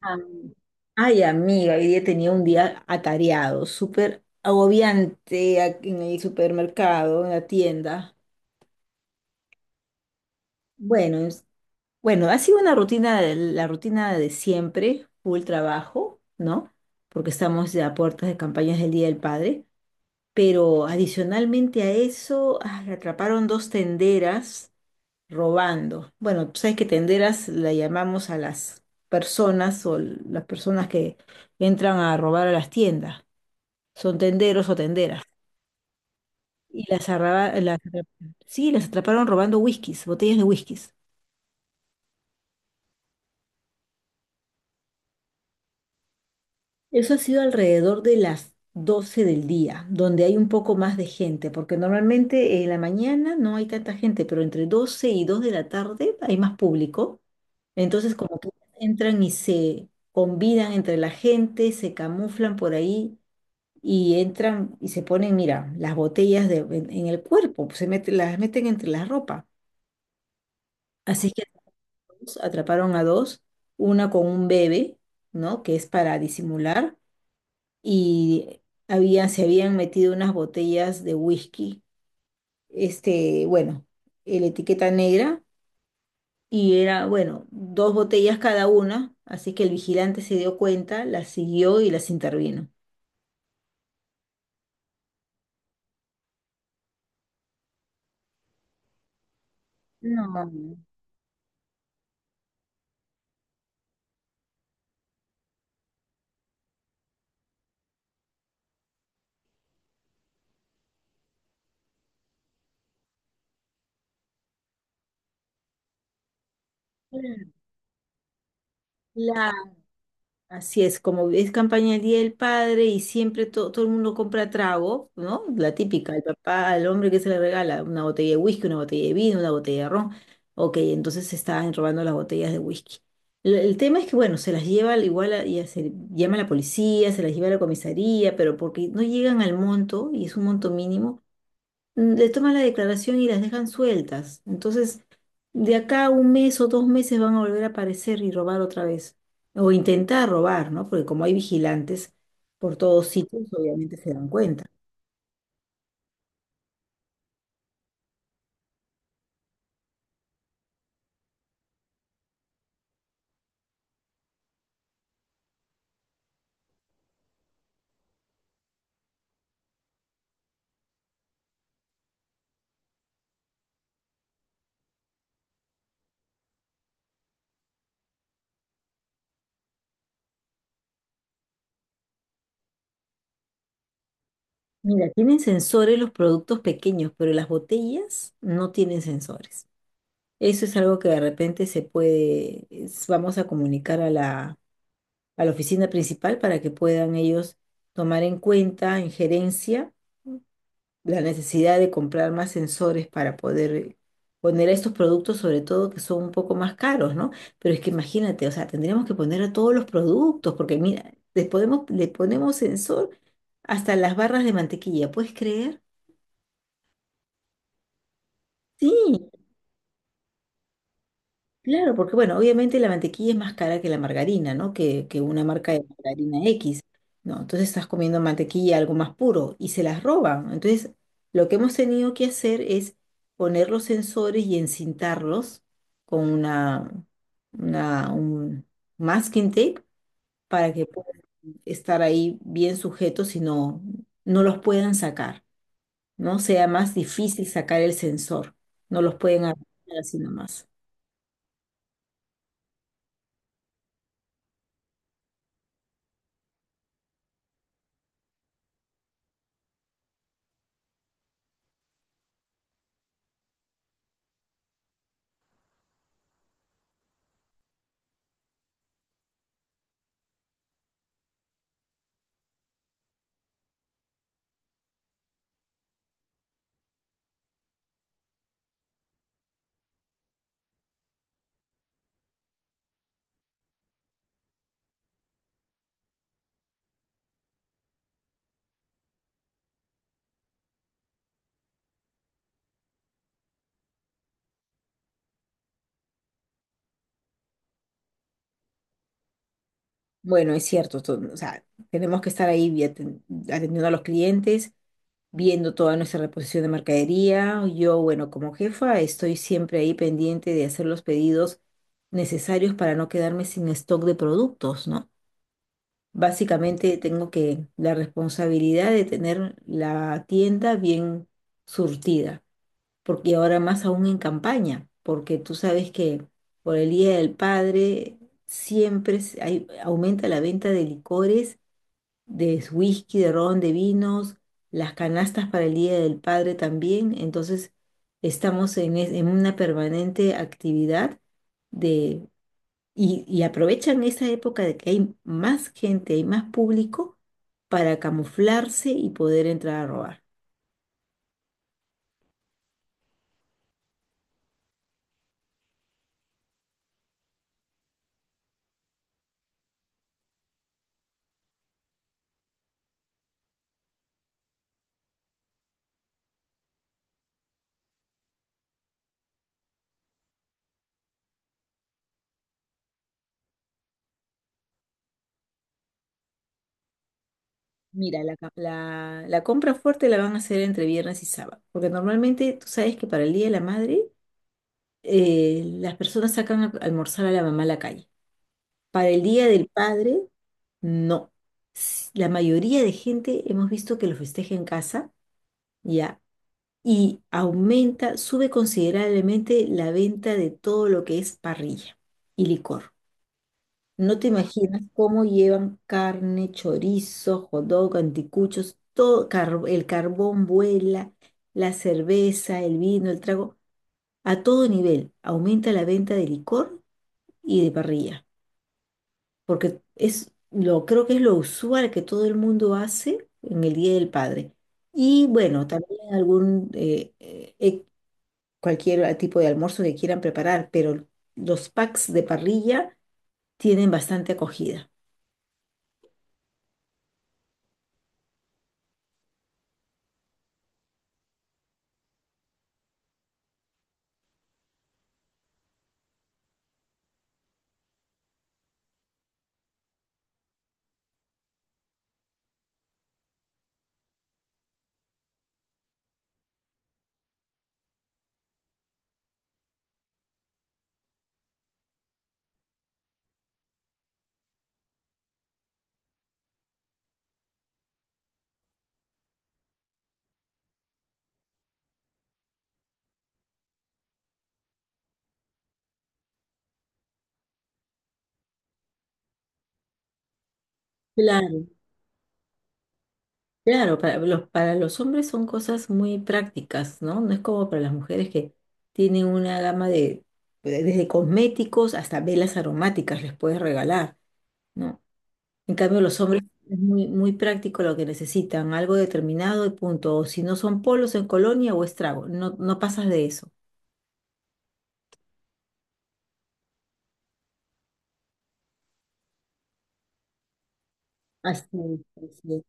Ah. Ay, amiga, hoy día tenía un día atareado, súper agobiante en el supermercado, en la tienda. Bueno, es- bueno, ha sido una rutina, la rutina de siempre, full trabajo, ¿no? Porque estamos ya a puertas de campañas del Día del Padre, pero adicionalmente a eso, atraparon dos tenderas robando. Bueno, tú sabes que tenderas la llamamos a las personas que entran a robar a las tiendas. Son tenderos o tenderas. Y las, arraba- las atrap- sí, las atraparon robando whiskies, botellas de whiskies. Eso ha sido alrededor de las 12 del día, donde hay un poco más de gente, porque normalmente en la mañana no hay tanta gente, pero entre 12 y 2 de la tarde hay más público. Entonces como que entran y se combinan entre la gente, se camuflan por ahí y entran y se ponen, mira, las botellas en el cuerpo, se meten, las meten entre la ropa. Así que atraparon a dos, una con un bebé, ¿no? Que es para disimular, y había, se habían metido unas botellas de whisky, este, bueno, la etiqueta negra, y era, bueno, dos botellas cada una, así que el vigilante se dio cuenta, las siguió y las intervino. No. Claro, así es, como es campaña del Día del Padre y siempre todo el mundo compra trago, ¿no? La típica, el papá, al hombre que se le regala una botella de whisky, una botella de vino, una botella de ron. Ok, entonces se estaban robando las botellas de whisky. El tema es que, bueno, se las lleva al igual, ya se llama a la policía, se las lleva a la comisaría, pero porque no llegan al monto, y es un monto mínimo. Le toman la declaración y las dejan sueltas. Entonces, de acá a un mes o dos meses van a volver a aparecer y robar otra vez. O intentar robar, ¿no? Porque como hay vigilantes por todos sitios, obviamente se dan cuenta. Mira, tienen sensores los productos pequeños, pero las botellas no tienen sensores. Eso es algo que de repente vamos a comunicar a la oficina principal para que puedan ellos tomar en cuenta en gerencia la necesidad de comprar más sensores para poder poner estos productos, sobre todo que son un poco más caros, ¿no? Pero es que imagínate, o sea, tendríamos que poner a todos los productos, porque mira, le ponemos sensor hasta las barras de mantequilla, ¿puedes creer? Sí, claro, porque bueno, obviamente la mantequilla es más cara que la margarina, ¿no? Que una marca de margarina X, ¿no? Entonces estás comiendo mantequilla, algo más puro, y se las roban. Entonces, lo que hemos tenido que hacer es poner los sensores y encintarlos con un masking tape para que puedan estar ahí bien sujetos y no, no los puedan sacar, ¿no? Sea más difícil sacar el sensor, no los pueden arrancar así nomás. Bueno, es cierto, o sea, tenemos que estar ahí atendiendo a los clientes, viendo toda nuestra reposición de mercadería. Yo, bueno, como jefa, estoy siempre ahí pendiente de hacer los pedidos necesarios para no quedarme sin stock de productos, ¿no? Básicamente tengo que la responsabilidad de tener la tienda bien surtida, porque ahora más aún en campaña, porque tú sabes que por el Día del Padre aumenta la venta de licores, de whisky, de ron, de vinos, las canastas para el Día del Padre también, entonces en una permanente actividad de, y aprovechan esa época de que hay más gente, hay más público para camuflarse y poder entrar a robar. Mira, la compra fuerte la van a hacer entre viernes y sábado, porque normalmente tú sabes que para el Día de la Madre las personas sacan a almorzar a la mamá a la calle. Para el Día del Padre, no. La mayoría de gente hemos visto que lo festeja en casa, ya, y aumenta, sube considerablemente la venta de todo lo que es parrilla y licor. No te imaginas cómo llevan carne, chorizo, hot dog, anticuchos, todo, el carbón vuela, la cerveza, el vino, el trago, a todo nivel. Aumenta la venta de licor y de parrilla, porque es lo, creo que es lo usual que todo el mundo hace en el Día del Padre. Y bueno, también cualquier tipo de almuerzo que quieran preparar, pero los packs de parrilla tienen bastante acogida. Claro, claro, para los hombres son cosas muy prácticas, ¿no? No es como para las mujeres que tienen una gama de, desde cosméticos hasta velas aromáticas les puedes regalar, ¿no? En cambio, los hombres es muy, muy práctico lo que necesitan, algo determinado y punto. O si no son polos en colonia o estrago, no, no pasas de eso. Así es, así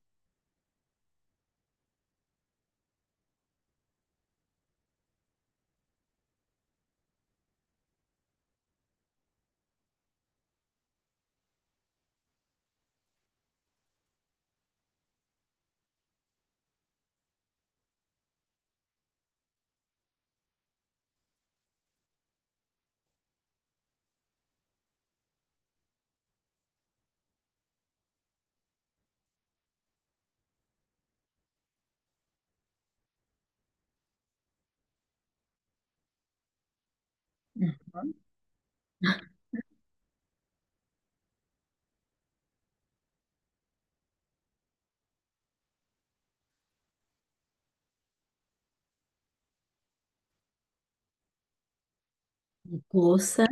es. Cosa.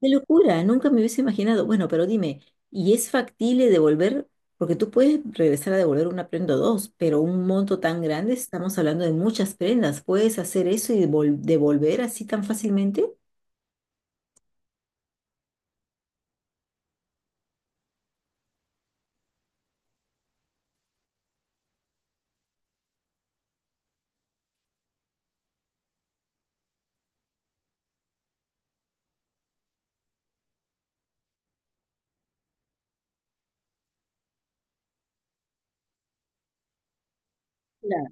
Qué locura, nunca me hubiese imaginado. Bueno, pero dime, ¿y es factible devolver? Porque tú puedes regresar a devolver una prenda o dos, pero un monto tan grande, estamos hablando de muchas prendas. ¿Puedes hacer eso y devolver así tan fácilmente? Claro,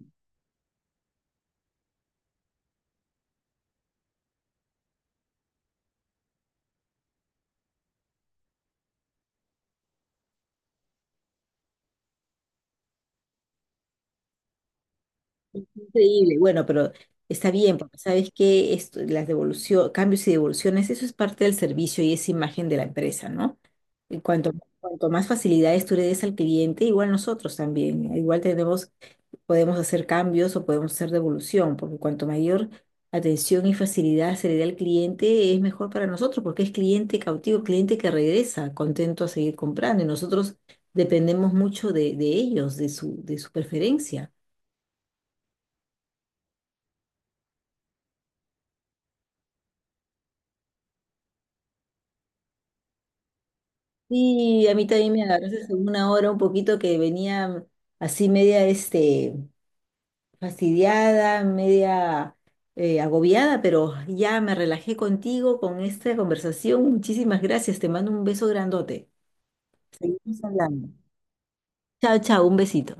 es increíble. Bueno, pero está bien, porque sabes que esto, las devoluciones, cambios y devoluciones, eso es parte del servicio y es imagen de la empresa, ¿no? Y cuanto más facilidades tú le des al cliente, igual nosotros también, igual tenemos podemos hacer cambios o podemos hacer devolución, porque cuanto mayor atención y facilidad se le dé al cliente, es mejor para nosotros, porque es cliente cautivo, cliente que regresa contento a seguir comprando y nosotros dependemos mucho de ellos, de su preferencia. Y a mí también me agarraste en una hora un poquito que venía así media fastidiada, media agobiada, pero ya me relajé contigo con esta conversación. Muchísimas gracias, te mando un beso grandote. Seguimos hablando. Chao, chao, un besito.